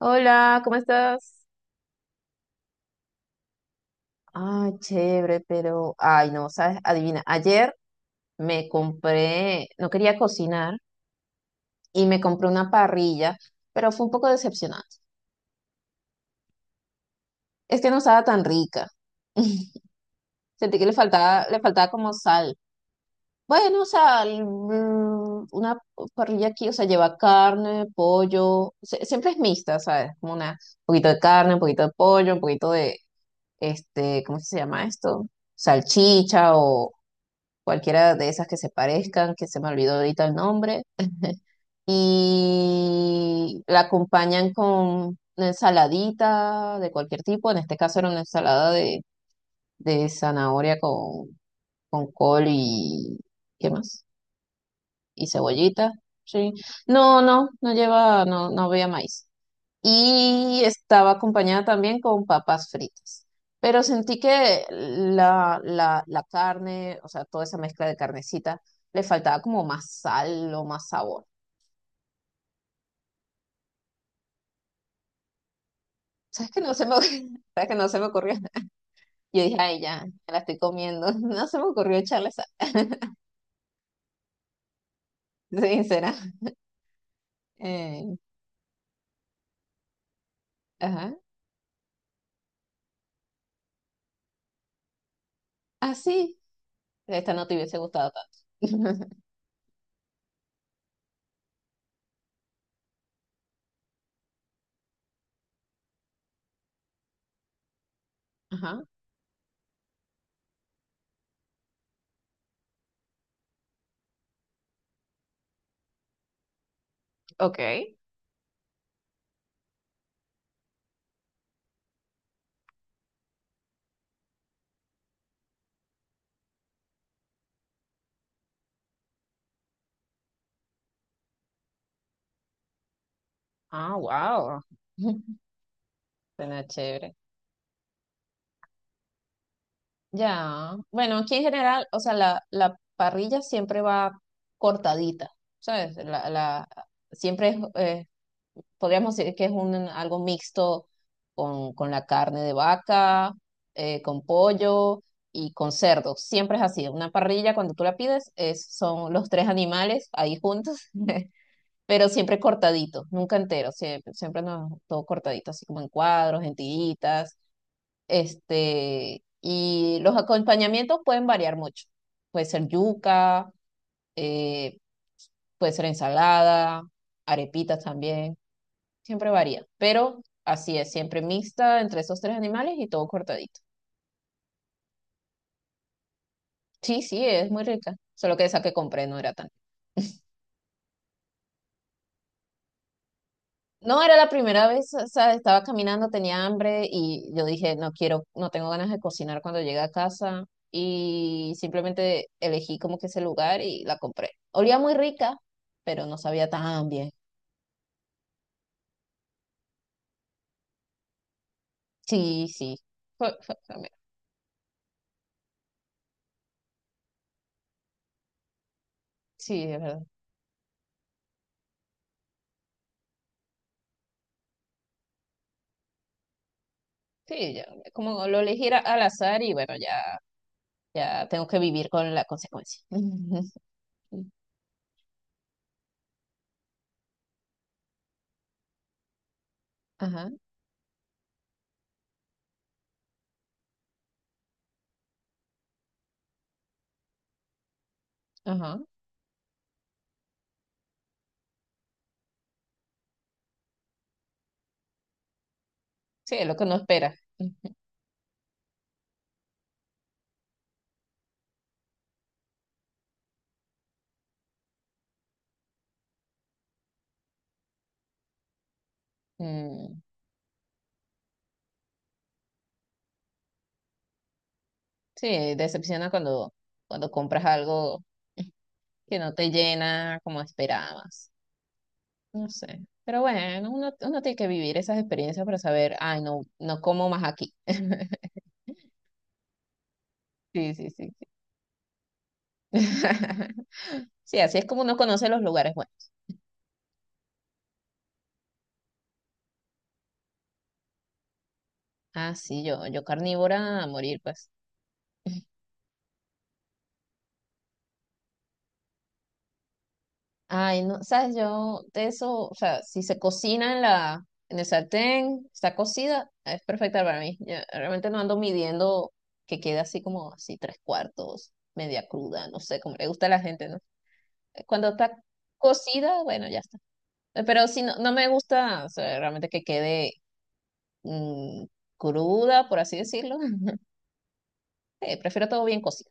Hola, ¿cómo estás? Chévere, pero, ay, no, sabes, adivina, ayer no quería cocinar y me compré una parrilla, pero fue un poco decepcionante. Es que no estaba tan rica. Sentí que le faltaba como sal. Bueno, sal, una parrilla aquí, o sea, lleva carne, pollo, siempre es mixta, ¿sabes? Como un poquito de carne, un poquito de pollo, un poquito de, este, ¿cómo se llama esto? Salchicha, cualquiera de esas que se parezcan, que se me olvidó ahorita el nombre, y la acompañan con una ensaladita de cualquier tipo. En este caso era una ensalada de zanahoria con col y ¿qué más? Y cebollita, sí. No, no, no lleva, no, no había maíz y estaba acompañada también con papas fritas. Pero sentí que la carne, o sea, toda esa mezcla de carnecita, le faltaba como más sal o más sabor. ¿Sabes que no se me ocurrió? ¿Sabes que no se me ocurrió? Yo dije, ay, ya, me la estoy comiendo. No se me ocurrió echarle sal, sincera. Eh, ajá. Ah, sí, esta no te hubiese gustado tanto. Ajá, ok. Ah, wow. Suena chévere. Ya, bueno, aquí en general, o sea, la parrilla siempre va cortadita, ¿sabes? Siempre es, podríamos decir que es un, algo mixto con la carne de vaca, con pollo y con cerdo. Siempre es así. Una parrilla, cuando tú la pides, es, son los tres animales ahí juntos, pero siempre cortadito, nunca entero, siempre, siempre no, todo cortadito, así como en cuadros, en tiritas, este, y los acompañamientos pueden variar mucho. Puede ser yuca, eh, puede ser ensalada, arepitas también. Siempre varía. Pero así es, siempre mixta entre esos tres animales y todo cortadito. Sí, sí, es muy rica. Solo que esa que compré no era tan. No, era la primera vez, o sea, estaba caminando, tenía hambre y yo dije, no quiero, no tengo ganas de cocinar cuando llegue a casa y simplemente elegí como que ese lugar y la compré. Olía muy rica, pero no sabía tan bien. Sí, sí, fue, fue- fue mi- sí, es verdad. Sí, ya, como lo elegí era al azar y bueno, ya, ya tengo que vivir con la consecuencia. Ajá, ajá. Sí, es lo que no espera. Ujú. Mm, sí, decepciona cuando compras algo que no te llena como esperabas. No sé. Pero bueno, uno tiene que vivir esas experiencias para saber, ay, no, no como más aquí. Sí, sí, sí, sí. Sí, así es como uno conoce los lugares buenos. Ah, sí, yo carnívora a morir, pues. Ay, no, sabes, yo de eso, o sea, si se cocina en en el sartén, está cocida, es perfecta para mí. Yo realmente no ando midiendo que quede así como así tres cuartos, media cruda, no sé, como le gusta a la gente, ¿no? Cuando está cocida, bueno, ya está. Pero si no, no me gusta, o sea, realmente que quede mm, cruda, por así decirlo. Prefiero todo bien cocido.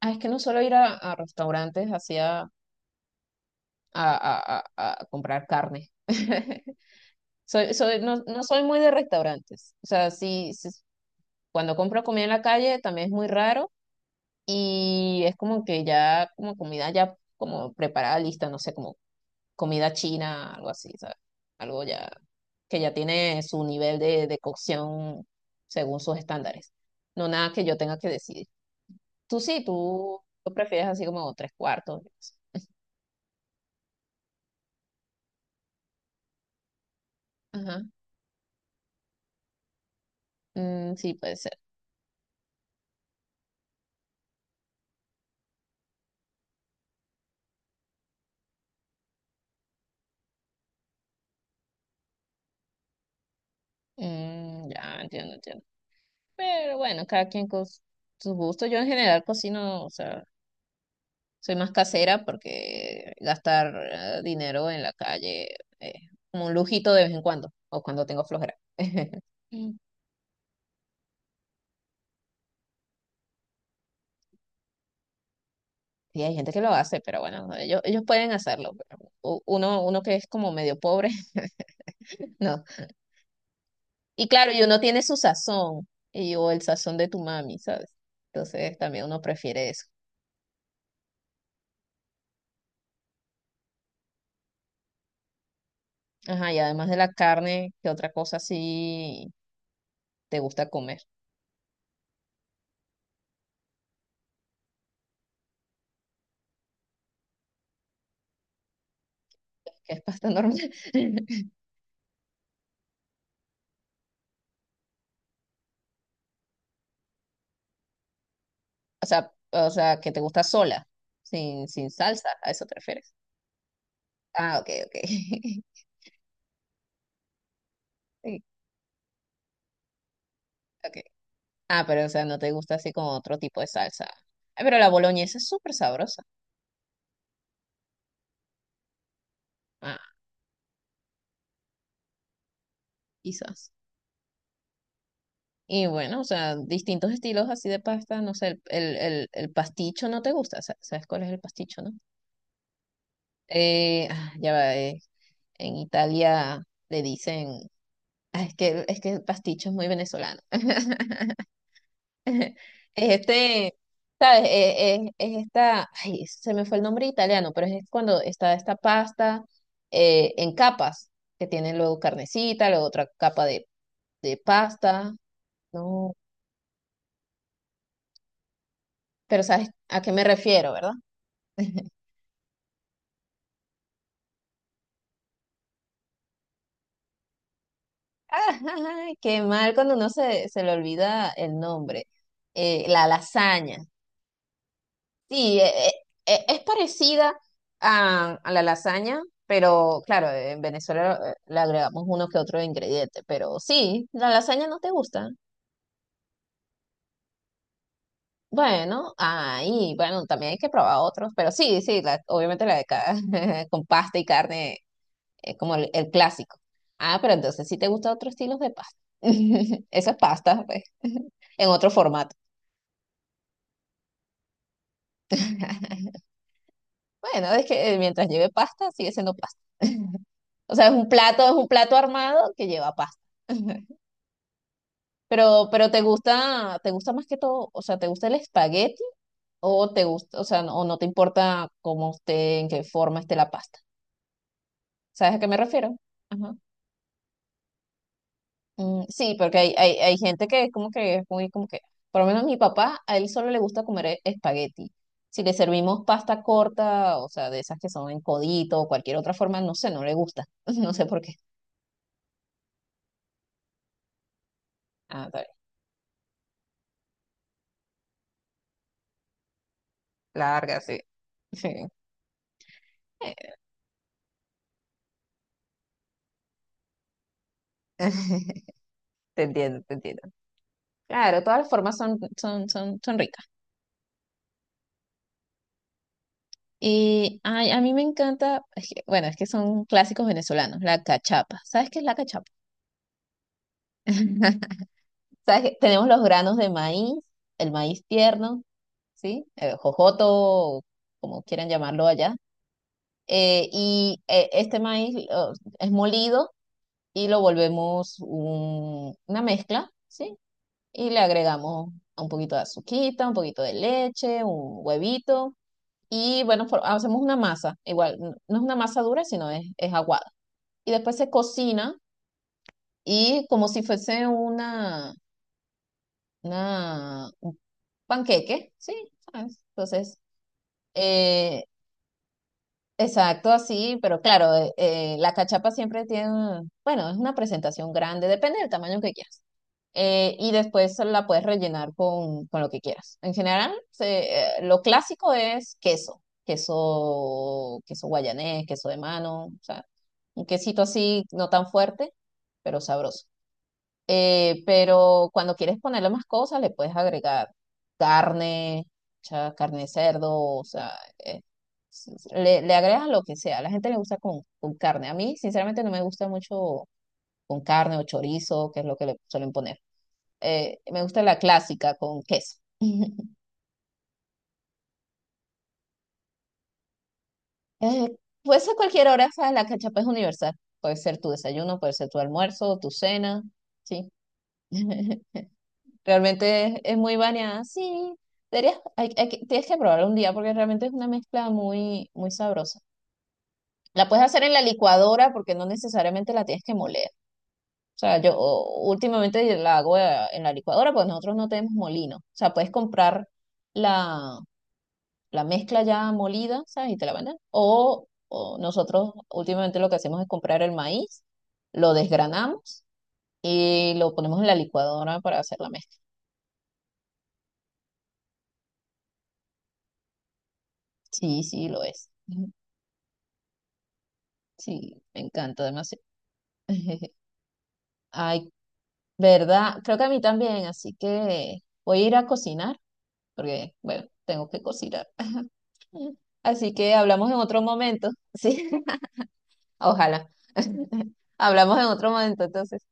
Ah, es que no suelo ir a restaurantes así a comprar carne. No, no soy muy de restaurantes. O sea, sí, sí, cuando compro comida en la calle también es muy raro y es como que ya, como comida ya como preparada, lista, no sé, como comida china, algo así, ¿sabes? Algo ya que ya tiene su nivel de cocción según sus estándares. No nada que yo tenga que decidir. Tú sí, tú lo prefieres así como tres cuartos. Yo qué sé. Ajá. Mm, sí, puede ser. Mm, ya, entiendo, entiendo. Pero bueno, cada quien con sus gustos. Yo en general cocino, o sea, soy más casera porque gastar dinero en la calle es como un lujito de vez en cuando, o cuando tengo flojera. Sí, hay gente que lo hace, pero bueno, no, ellos pueden hacerlo. Pero uno que es como medio pobre, no. Y claro, y uno tiene su sazón, y, o el sazón de tu mami, ¿sabes? Entonces también uno prefiere eso. Ajá, y además de la carne, ¿qué otra cosa sí te gusta comer? Que es pasta normal. O sea, que te gusta sola, sin, sin salsa, ¿a eso te refieres? Ah, ok, ok. Sí, ok. Ah, pero o sea, no te gusta así con otro tipo de salsa. Ay, pero la boloñesa es súper sabrosa. Ah, quizás. Y bueno, o sea, distintos estilos así de pasta, no sé, el pasticho no te gusta, ¿sabes cuál es el pasticho, no? Ya va, en Italia le dicen, "Ah, es que el pasticho es muy venezolano". Es Este, ¿sabes? Esta, ay, se me fue el nombre italiano, pero es cuando está esta pasta en capas, que tiene luego carnecita, luego otra capa de pasta. No. Pero sabes a qué me refiero, ¿verdad? Ay, qué mal cuando uno se le olvida el nombre. La lasaña. Sí, es parecida a la lasaña, pero claro, en Venezuela le agregamos uno que otro ingrediente. Pero sí, la lasaña no te gusta. Bueno, ahí, bueno, también hay que probar otros, pero sí, sí, obviamente la de acá, con pasta y carne, como el clásico. Ah, pero entonces sí te gustan otros estilos de pasta. Esas pastas, pues, en otro formato. Bueno, es que mientras lleve pasta, sigue siendo pasta. O sea, es un plato armado que lleva pasta. Pero te gusta más que todo, o sea, ¿te gusta el espagueti o te gusta, o sea, o no te importa cómo esté, en qué forma esté la pasta? ¿Sabes a qué me refiero? Ajá. Mm, sí, porque hay gente que es como que es muy como que, por lo menos mi papá, a él solo le gusta comer espagueti. Si le servimos pasta corta, o sea, de esas que son en codito o cualquier otra forma, no sé, no le gusta. No sé por qué. Ah, está bien. Larga, sí. Sí. Te entiendo, te entiendo. Claro, todas las formas son, son, son, son ricas. Y ay, a mí me encanta, bueno, es que son clásicos venezolanos, la cachapa. ¿Sabes qué es la cachapa? Sea, que tenemos los granos de maíz, el maíz tierno, ¿sí? Jojoto, o como quieran llamarlo allá. Este maíz es molido y lo volvemos una mezcla, ¿sí? Y le agregamos un poquito de azuquita, un poquito de leche, un huevito. Y bueno, hacemos una masa. Igual, no es una masa dura, sino es aguada. Y después se cocina y como si fuese una panqueque, sí, ¿sabes? Entonces, eh, exacto, así, pero claro, la cachapa siempre tiene, bueno, es una presentación grande, depende del tamaño que quieras. Y después la puedes rellenar con lo que quieras. En general, lo clásico es queso, queso, queso guayanés, queso de mano, o sea, un quesito así, no tan fuerte, pero sabroso. Pero cuando quieres ponerle más cosas, le puedes agregar carne, o carne de cerdo, o sea, eh, le, le agregas lo que sea. A la gente le gusta con carne. A mí, sinceramente, no me gusta mucho con carne o chorizo, que es lo que le suelen poner. Me gusta la clásica con queso. Eh, puede ser cualquier hora, ¿sabes? La cachapa es universal. Puede ser tu desayuno, puede ser tu almuerzo, tu cena, ¿sí? Realmente es muy bañada. Sí, deberías, tienes que probarla un día porque realmente es una mezcla muy, muy sabrosa. La puedes hacer en la licuadora porque no necesariamente la tienes que moler. O sea, últimamente la hago en la licuadora porque nosotros no tenemos molino. O sea, puedes comprar la, la mezcla ya molida, ¿sabes? Y te la mandan. O nosotros últimamente lo que hacemos es comprar el maíz, lo desgranamos y lo ponemos en la licuadora para hacer la mezcla. Sí, sí, lo es. Sí, me encanta demasiado. Ay, ¿verdad? Creo que a mí también, así que voy a ir a cocinar, porque, bueno, tengo que cocinar. Así que hablamos en otro momento, ¿sí? Ojalá. Hablamos en otro momento, entonces.